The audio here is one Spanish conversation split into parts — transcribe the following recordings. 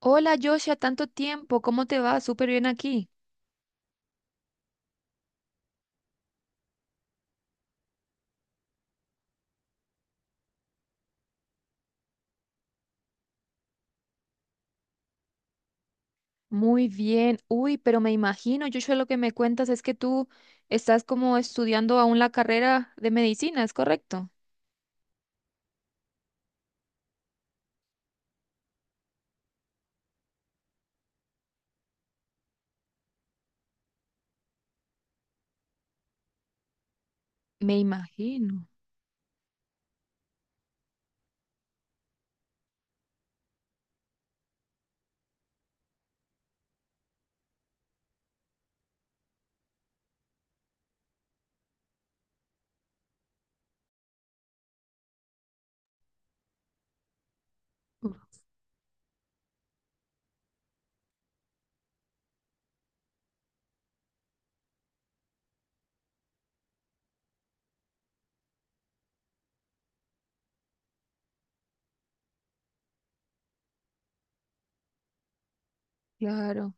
Hola Joshua, tanto tiempo, ¿cómo te va? Súper bien aquí. Muy bien. Uy, pero me imagino, Joshua, lo que me cuentas es que tú estás como estudiando aún la carrera de medicina, ¿es correcto? Me imagino, claro,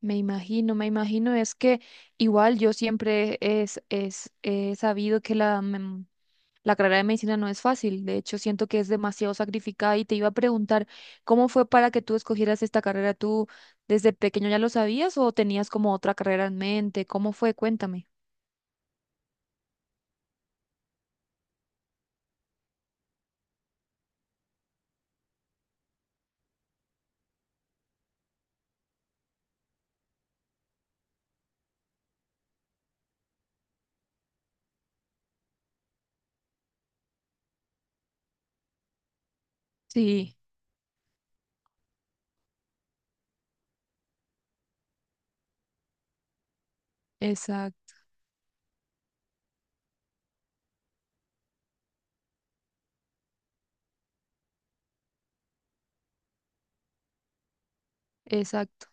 me imagino, me imagino. Es que igual yo siempre he sabido que la carrera de medicina no es fácil, de hecho siento que es demasiado sacrificada y te iba a preguntar, ¿cómo fue para que tú escogieras esta carrera? ¿Tú desde pequeño ya lo sabías o tenías como otra carrera en mente? ¿Cómo fue? Cuéntame. Sí, exacto, exacto,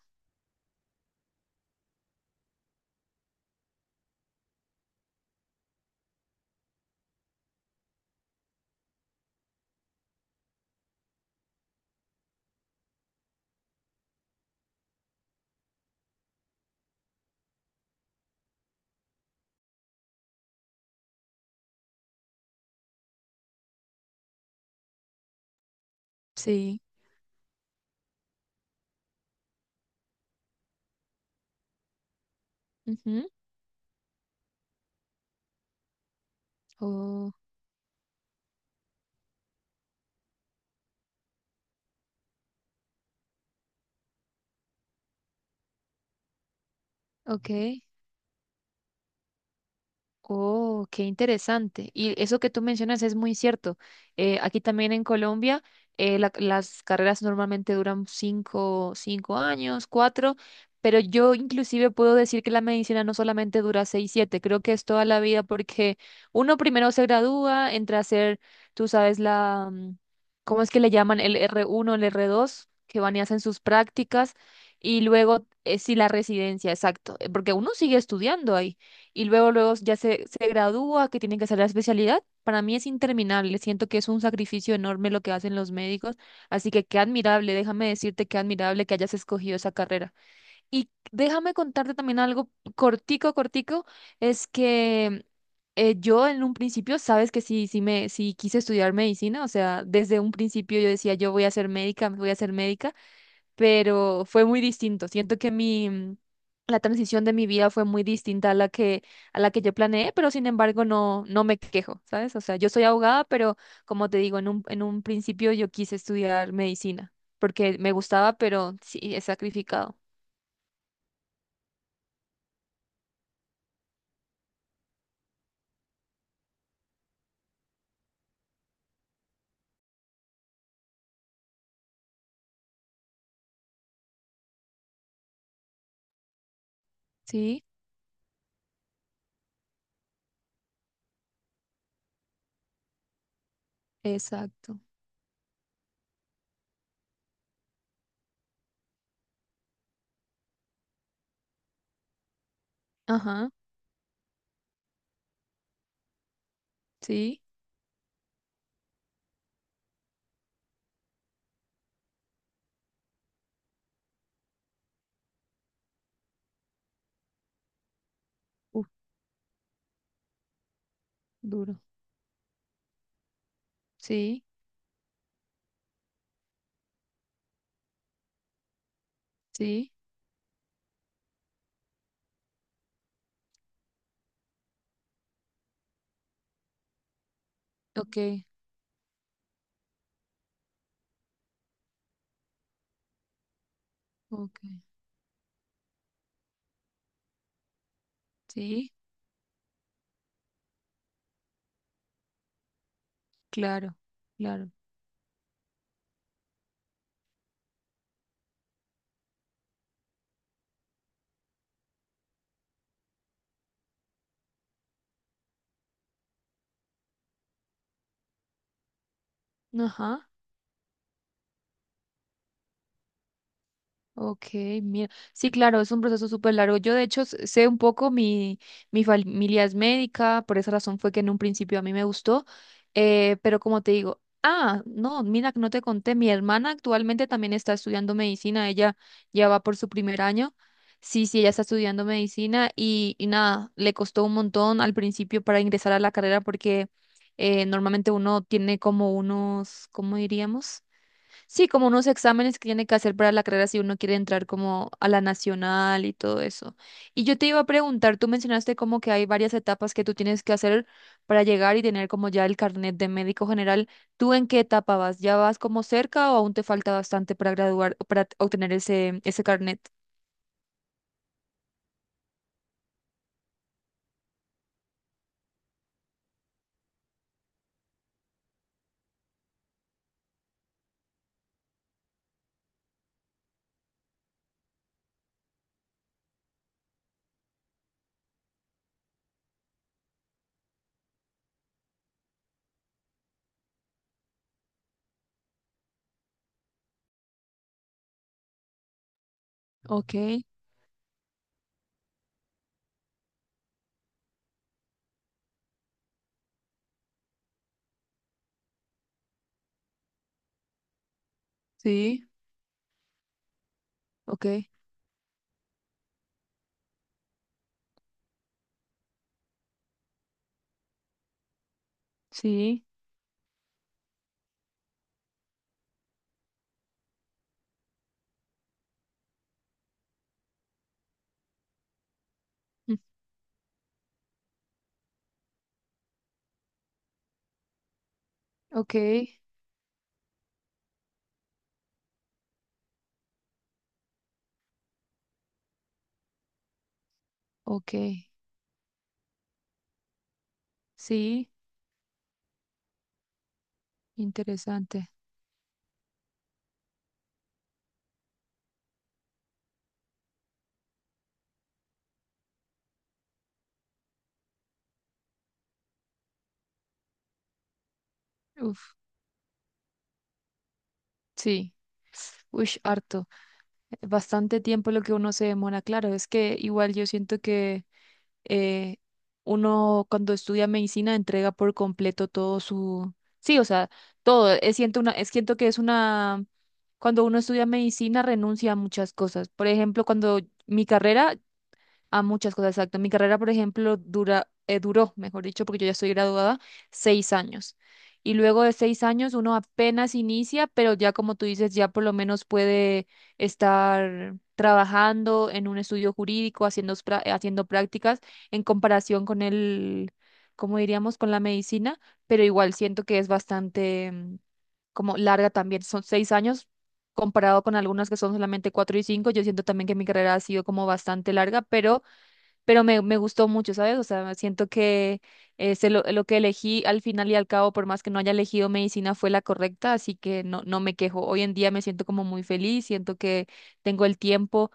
sí. Ujú. Oh, ok. Oh, qué interesante. Y eso que tú mencionas es muy cierto. Aquí también en Colombia, las carreras normalmente duran cinco, cinco años, cuatro, pero yo inclusive puedo decir que la medicina no solamente dura seis, siete, creo que es toda la vida porque uno primero se gradúa, entra a hacer, tú sabes, la, ¿cómo es que le llaman? El r uno, el r dos, que van y hacen sus prácticas, y luego, sí, la residencia, exacto, porque uno sigue estudiando ahí y luego ya se gradúa, que tienen que hacer la especialidad. Para mí es interminable, siento que es un sacrificio enorme lo que hacen los médicos, así que qué admirable, déjame decirte qué admirable que hayas escogido esa carrera. Y déjame contarte también algo cortico, cortico, es que yo en un principio, sabes que sí, sí quise estudiar medicina, o sea, desde un principio yo decía, yo voy a ser médica, voy a ser médica, pero fue muy distinto. Siento que mi, la transición de mi vida fue muy distinta a a la que yo planeé, pero sin embargo no, no me quejo, ¿sabes? O sea, yo soy abogada, pero como te digo, en un principio yo quise estudiar medicina, porque me gustaba, pero sí, he sacrificado. Sí, exacto. Ajá, sí. Uf, duro. Sí, sí. Ok, ok. Sí, claro, claro. Ajá. Ok, mira. Sí, claro, es un proceso súper largo. Yo, de hecho, sé un poco, mi familia es médica, por esa razón fue que en un principio a mí me gustó, pero como te digo, ah, no, mira, que no te conté, mi hermana actualmente también está estudiando medicina, ella ya va por su primer año. Sí, sí, ella está estudiando medicina y nada, le costó un montón al principio para ingresar a la carrera porque normalmente uno tiene como unos, ¿cómo diríamos? Sí, como unos exámenes que tiene que hacer para la carrera si uno quiere entrar como a la nacional y todo eso. Y yo te iba a preguntar, tú mencionaste como que hay varias etapas que tú tienes que hacer para llegar y tener como ya el carnet de médico general. ¿Tú en qué etapa vas? ¿Ya vas como cerca o aún te falta bastante para graduar, para obtener ese, ese carnet? Ok, sí, ok, sí, mm, ok, ok, sí, interesante. Uf, sí, uy, harto. Bastante tiempo lo que uno se demora, claro, es que igual yo siento que eh, uno cuando estudia medicina entrega por completo todo su, sí, o sea, todo, es, siento una, es, siento que es una, cuando uno estudia medicina renuncia a muchas cosas, por ejemplo, cuando mi carrera a muchas cosas, exacto. Mi carrera, por ejemplo, dura, duró, mejor dicho, porque yo ya estoy graduada, 6 años. Y luego de 6 años uno apenas inicia, pero ya como tú dices, ya por lo menos puede estar trabajando en un estudio jurídico, haciendo, haciendo prácticas en comparación con el, como diríamos, con la medicina, pero igual siento que es bastante como larga también. Son 6 años comparado con algunas que son solamente cuatro y cinco. Yo siento también que mi carrera ha sido como bastante larga, pero me gustó mucho, ¿sabes? O sea, siento que lo que elegí al final y al cabo, por más que no haya elegido medicina, fue la correcta, así que no, no me quejo. Hoy en día me siento como muy feliz, siento que tengo el tiempo,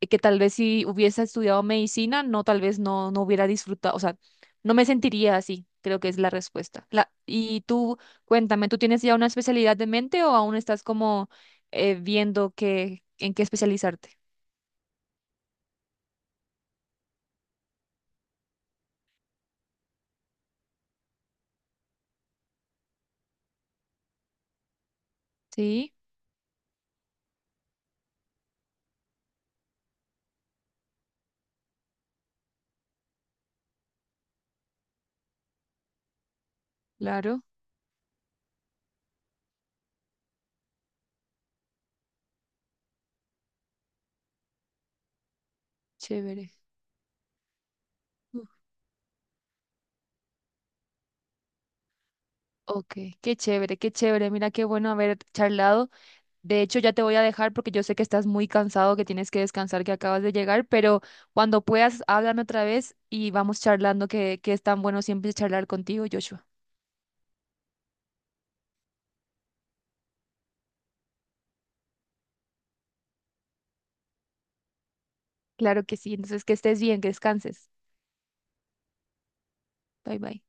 que tal vez si hubiese estudiado medicina, no, tal vez no, no hubiera disfrutado, o sea, no me sentiría así, creo que es la respuesta. La, y tú, cuéntame, ¿tú tienes ya una especialidad de mente o aún estás como viendo qué, en qué especializarte? Sí, claro, chévere. Ok, qué chévere, qué chévere. Mira qué bueno haber charlado. De hecho, ya te voy a dejar porque yo sé que estás muy cansado, que tienes que descansar, que acabas de llegar, pero cuando puedas, háblame otra vez, y vamos charlando, que es tan bueno siempre charlar contigo, Joshua. Claro que sí. Entonces, que estés bien, que descanses. Bye bye.